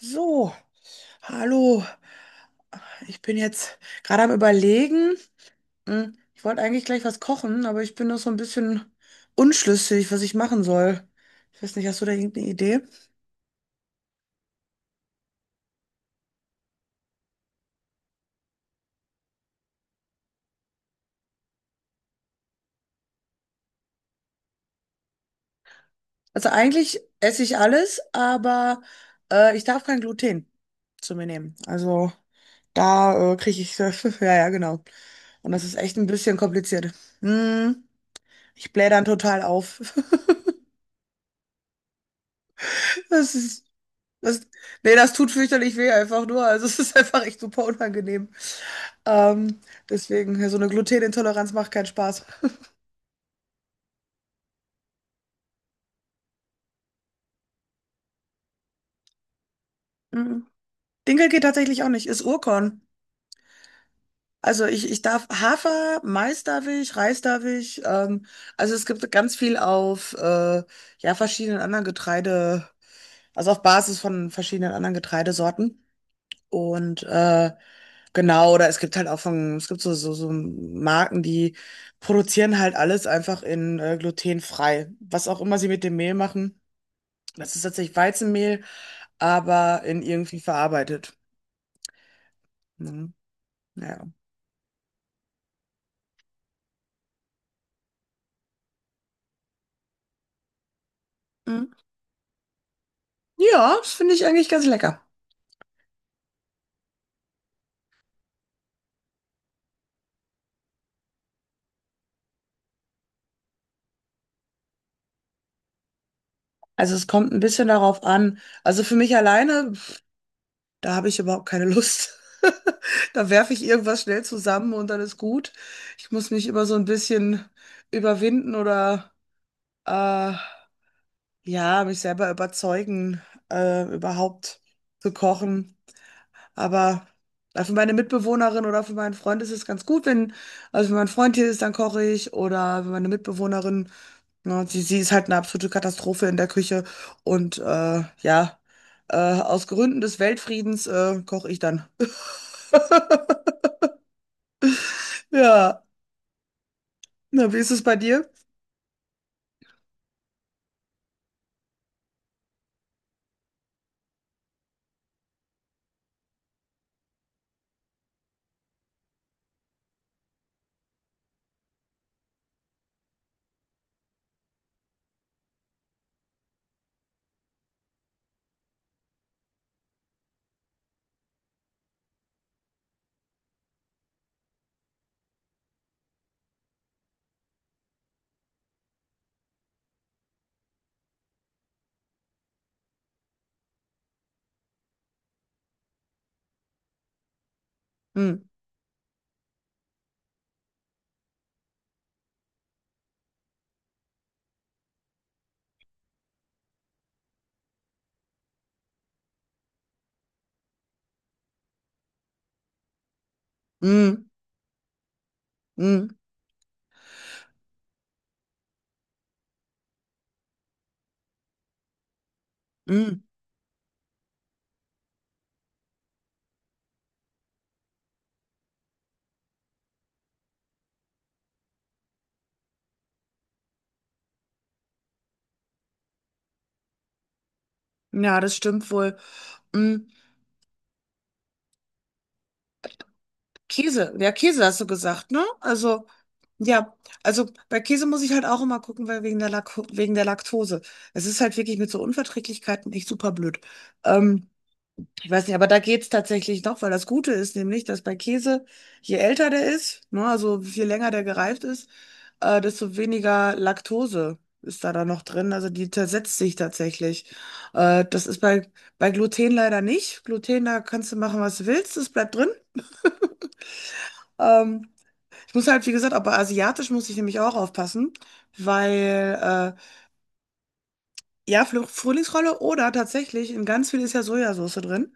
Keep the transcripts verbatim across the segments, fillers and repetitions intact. So, hallo. Ich bin jetzt gerade am Überlegen. Hm, Ich wollte eigentlich gleich was kochen, aber ich bin noch so ein bisschen unschlüssig, was ich machen soll. Ich weiß nicht, hast du da irgendeine Idee? Also eigentlich esse ich alles, aber äh, ich darf kein Gluten zu mir nehmen. Also da äh, kriege ich, ja, ja, genau. Und das ist echt ein bisschen kompliziert. Hm, ich blähe dann total auf. Das ist, das, nee, das tut fürchterlich weh einfach nur. Also es ist einfach echt super unangenehm. Ähm, deswegen, ja, so eine Glutenintoleranz macht keinen Spaß. Mhm. Dinkel geht tatsächlich auch nicht, ist Urkorn. Also ich, ich darf Hafer, Mais darf ich, Reis darf ich. Ähm, also es gibt ganz viel auf äh, ja, verschiedenen anderen Getreide, also auf Basis von verschiedenen anderen Getreidesorten. Und äh, genau, oder es gibt halt auch von, es gibt so, so, so Marken, die produzieren halt alles einfach in äh, glutenfrei. Was auch immer sie mit dem Mehl machen, das ist tatsächlich Weizenmehl, aber in irgendwie verarbeitet. Mhm. Ja. Mhm. Ja, das finde ich eigentlich ganz lecker. Also es kommt ein bisschen darauf an. Also für mich alleine, pf, da habe ich überhaupt keine Lust. Da werfe ich irgendwas schnell zusammen und dann ist gut. Ich muss mich immer so ein bisschen überwinden oder Äh, ja, mich selber überzeugen, äh, überhaupt zu kochen. Aber äh, für meine Mitbewohnerin oder für meinen Freund ist es ganz gut, wenn, also wenn mein Freund hier ist, dann koche ich. Oder wenn meine Mitbewohnerin, ne, sie, sie ist halt eine absolute Katastrophe in der Küche. Und äh, ja, äh, aus Gründen des Weltfriedens äh, koche ich dann. Ja, na, wie ist es bei dir? Hm, hm, hm, hm. Ja, das stimmt wohl. Hm. Käse, ja, Käse hast du gesagt, ne? Also, ja, also bei Käse muss ich halt auch immer gucken, weil wegen der Lak wegen der Laktose. Es ist halt wirklich mit so Unverträglichkeiten echt super blöd. Ähm, ich weiß nicht, aber da geht's tatsächlich noch, weil das Gute ist nämlich, dass bei Käse, je älter der ist, ne, also je länger der gereift ist, äh, desto weniger Laktose ist da dann noch drin. Also die zersetzt sich tatsächlich. Äh, das ist bei, bei Gluten leider nicht. Gluten, da kannst du machen, was du willst, es bleibt drin. Ähm, ich muss halt, wie gesagt, auch bei Asiatisch muss ich nämlich auch aufpassen, weil, äh, ja, Fl- Frühlingsrolle oder tatsächlich, in ganz viel ist ja Sojasauce drin.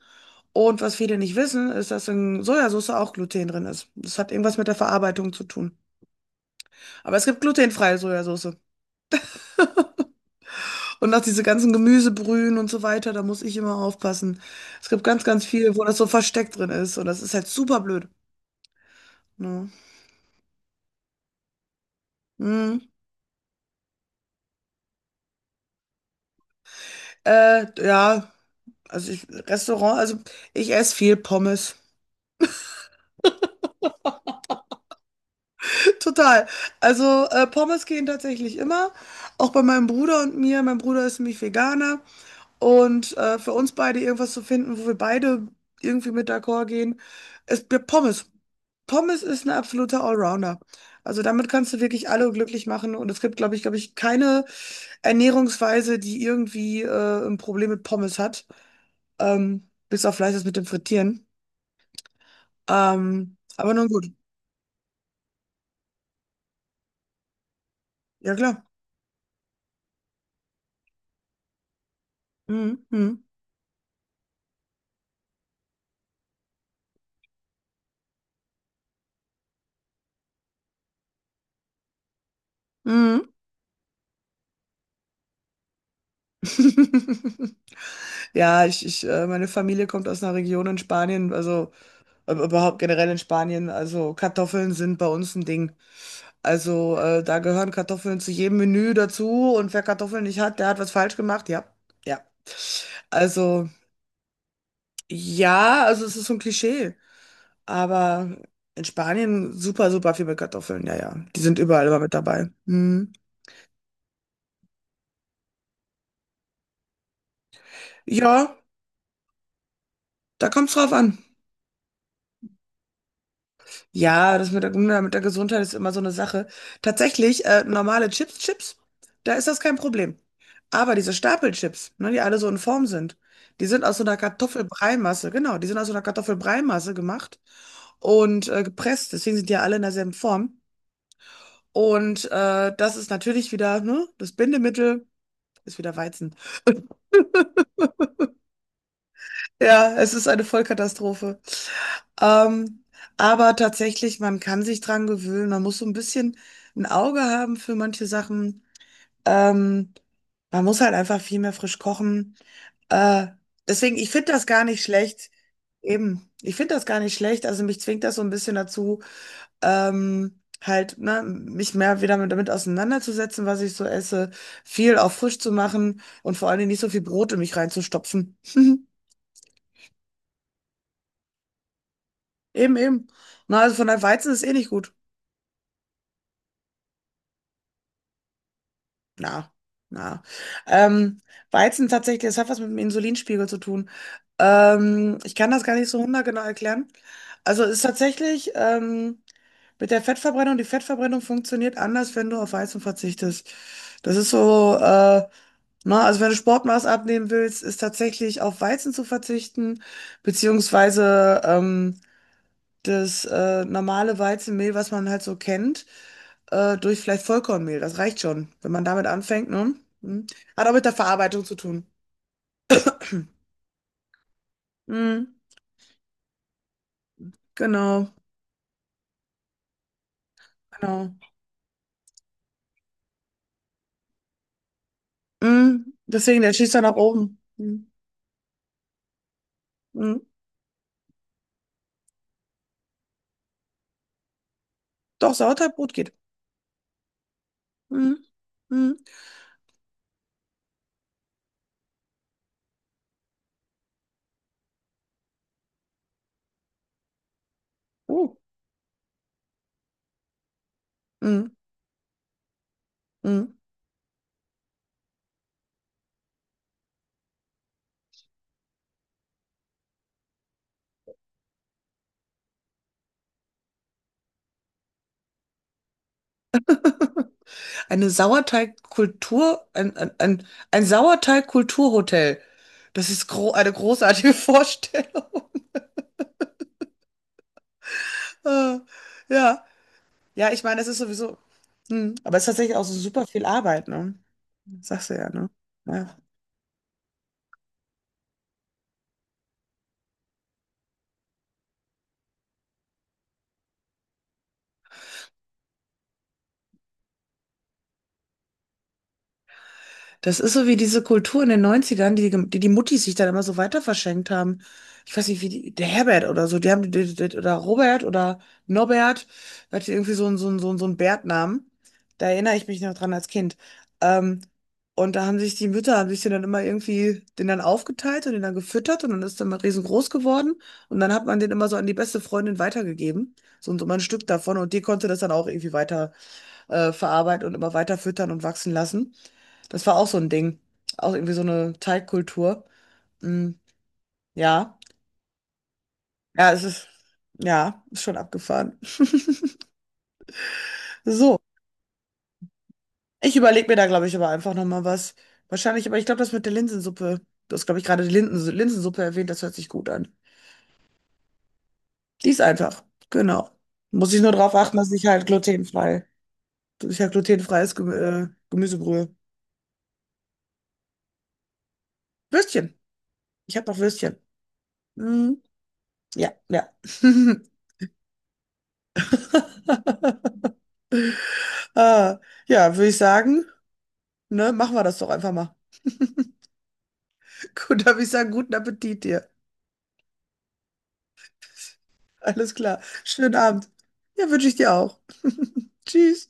Und was viele nicht wissen, ist, dass in Sojasauce auch Gluten drin ist. Das hat irgendwas mit der Verarbeitung zu tun. Aber es gibt glutenfreie Sojasauce. Und auch diese ganzen Gemüsebrühen und so weiter, da muss ich immer aufpassen. Es gibt ganz, ganz viel, wo das so versteckt drin ist. Und das ist halt super blöd. Ja. Mm. Äh, ja, also ich, Restaurant, also ich esse viel Pommes. Total. Also äh, Pommes gehen tatsächlich immer, auch bei meinem Bruder und mir. Mein Bruder ist nämlich Veganer und äh, für uns beide irgendwas zu finden, wo wir beide irgendwie mit d'accord gehen, ist mir Pommes. Pommes ist ein absoluter Allrounder. Also damit kannst du wirklich alle glücklich machen und es gibt, glaube ich, glaube ich, keine Ernährungsweise, die irgendwie äh, ein Problem mit Pommes hat, ähm, bis auf vielleicht das mit dem Frittieren. Ähm, aber nun gut. Ja, klar. Mhm. Mhm. Mhm. Ja, ich, ich, äh, meine Familie kommt aus einer Region in Spanien, also äh, überhaupt generell in Spanien. Also Kartoffeln sind bei uns ein Ding. Also äh, da gehören Kartoffeln zu jedem Menü dazu und wer Kartoffeln nicht hat, der hat was falsch gemacht. Ja, ja. Also ja, also es ist so ein Klischee, aber in Spanien super, super viel mit Kartoffeln. Ja, ja, die sind überall immer mit dabei. Hm. Ja, da kommt's drauf an. Ja, das mit der, mit der Gesundheit ist immer so eine Sache. Tatsächlich, äh, normale Chips, Chips, da ist das kein Problem. Aber diese Stapelchips, ne, die alle so in Form sind, die sind aus so einer Kartoffelbreimasse, genau, die sind aus so einer Kartoffelbreimasse gemacht und äh, gepresst. Deswegen sind die ja alle in derselben Form. Und äh, das ist natürlich wieder, ne, das Bindemittel ist wieder Weizen. Ja, es ist eine Vollkatastrophe. Ähm, aber tatsächlich, man kann sich dran gewöhnen. Man muss so ein bisschen ein Auge haben für manche Sachen. Ähm, man muss halt einfach viel mehr frisch kochen. Äh, deswegen, ich finde das gar nicht schlecht. Eben, ich finde das gar nicht schlecht. Also mich zwingt das so ein bisschen dazu, ähm, halt, ne, mich mehr wieder mit, damit auseinanderzusetzen, was ich so esse, viel auch frisch zu machen und vor allen Dingen nicht so viel Brot in mich reinzustopfen. Eben, eben. Na, also von der Weizen ist eh nicht gut. Na, na. Ähm, Weizen tatsächlich, das hat was mit dem Insulinspiegel zu tun. Ähm, ich kann das gar nicht so hundertgenau erklären. Also ist tatsächlich ähm, mit der Fettverbrennung, die Fettverbrennung funktioniert anders, wenn du auf Weizen verzichtest. Das ist so, äh, na, also wenn du Sportmaß abnehmen willst, ist tatsächlich auf Weizen zu verzichten, beziehungsweise ähm, das äh, normale Weizenmehl, was man halt so kennt, äh, durch vielleicht Vollkornmehl. Das reicht schon, wenn man damit anfängt, ne? Hm. Hat auch mit der Verarbeitung zu tun. Hm, genau, genau. Hm, deswegen, der schießt dann nach oben. Hm, hm. Doch, Sauerteigbrot geht. Hm, hm. Oh. Hm, hm. Eine Sauerteigkultur, ein, ein, ein, ein Sauerteigkulturhotel. Das ist gro eine großartige Vorstellung. Äh, ja. Ja, ich meine, es ist sowieso, hm, aber es ist tatsächlich auch so super viel Arbeit, ne? Das sagst du ja, ne? Ja. Das ist so wie diese Kultur in den Neunzigern, die die, die Muttis sich dann immer so weiter verschenkt haben. Ich weiß nicht, wie die, der Herbert oder so, die haben, die, die, oder Robert oder Norbert, der hatte irgendwie so einen, so einen, so einen, so einen Bärtnamen. Da erinnere ich mich noch dran als Kind. Ähm, und da haben sich die Mütter, haben sich den dann immer irgendwie, den dann aufgeteilt und den dann gefüttert und dann ist dann mal riesengroß geworden. Und dann hat man den immer so an die beste Freundin weitergegeben. So, und so mal ein Stück davon und die konnte das dann auch irgendwie äh, verarbeiten und immer weiter füttern und wachsen lassen. Das war auch so ein Ding. Auch irgendwie so eine Teigkultur. Mm, ja. Ja, es ist, ja, ist schon abgefahren. So, ich überlege mir da, glaube ich, aber einfach nochmal was. Wahrscheinlich, aber ich glaube, das mit der Linsensuppe, du hast, glaube ich, gerade die Linsen, Linsensuppe erwähnt, das hört sich gut an. Die ist einfach, genau. Muss ich nur darauf achten, dass ich halt glutenfrei, dass ich halt glutenfreies Gemü äh, Gemüsebrühe. Würstchen. Ich habe noch Würstchen. Mm, ja, ja. Ah, ja, würde ich sagen, ne, machen wir das doch einfach mal. Gut, da würde ich sagen, guten Appetit dir. Alles klar. Schönen Abend. Ja, wünsche ich dir auch. Tschüss.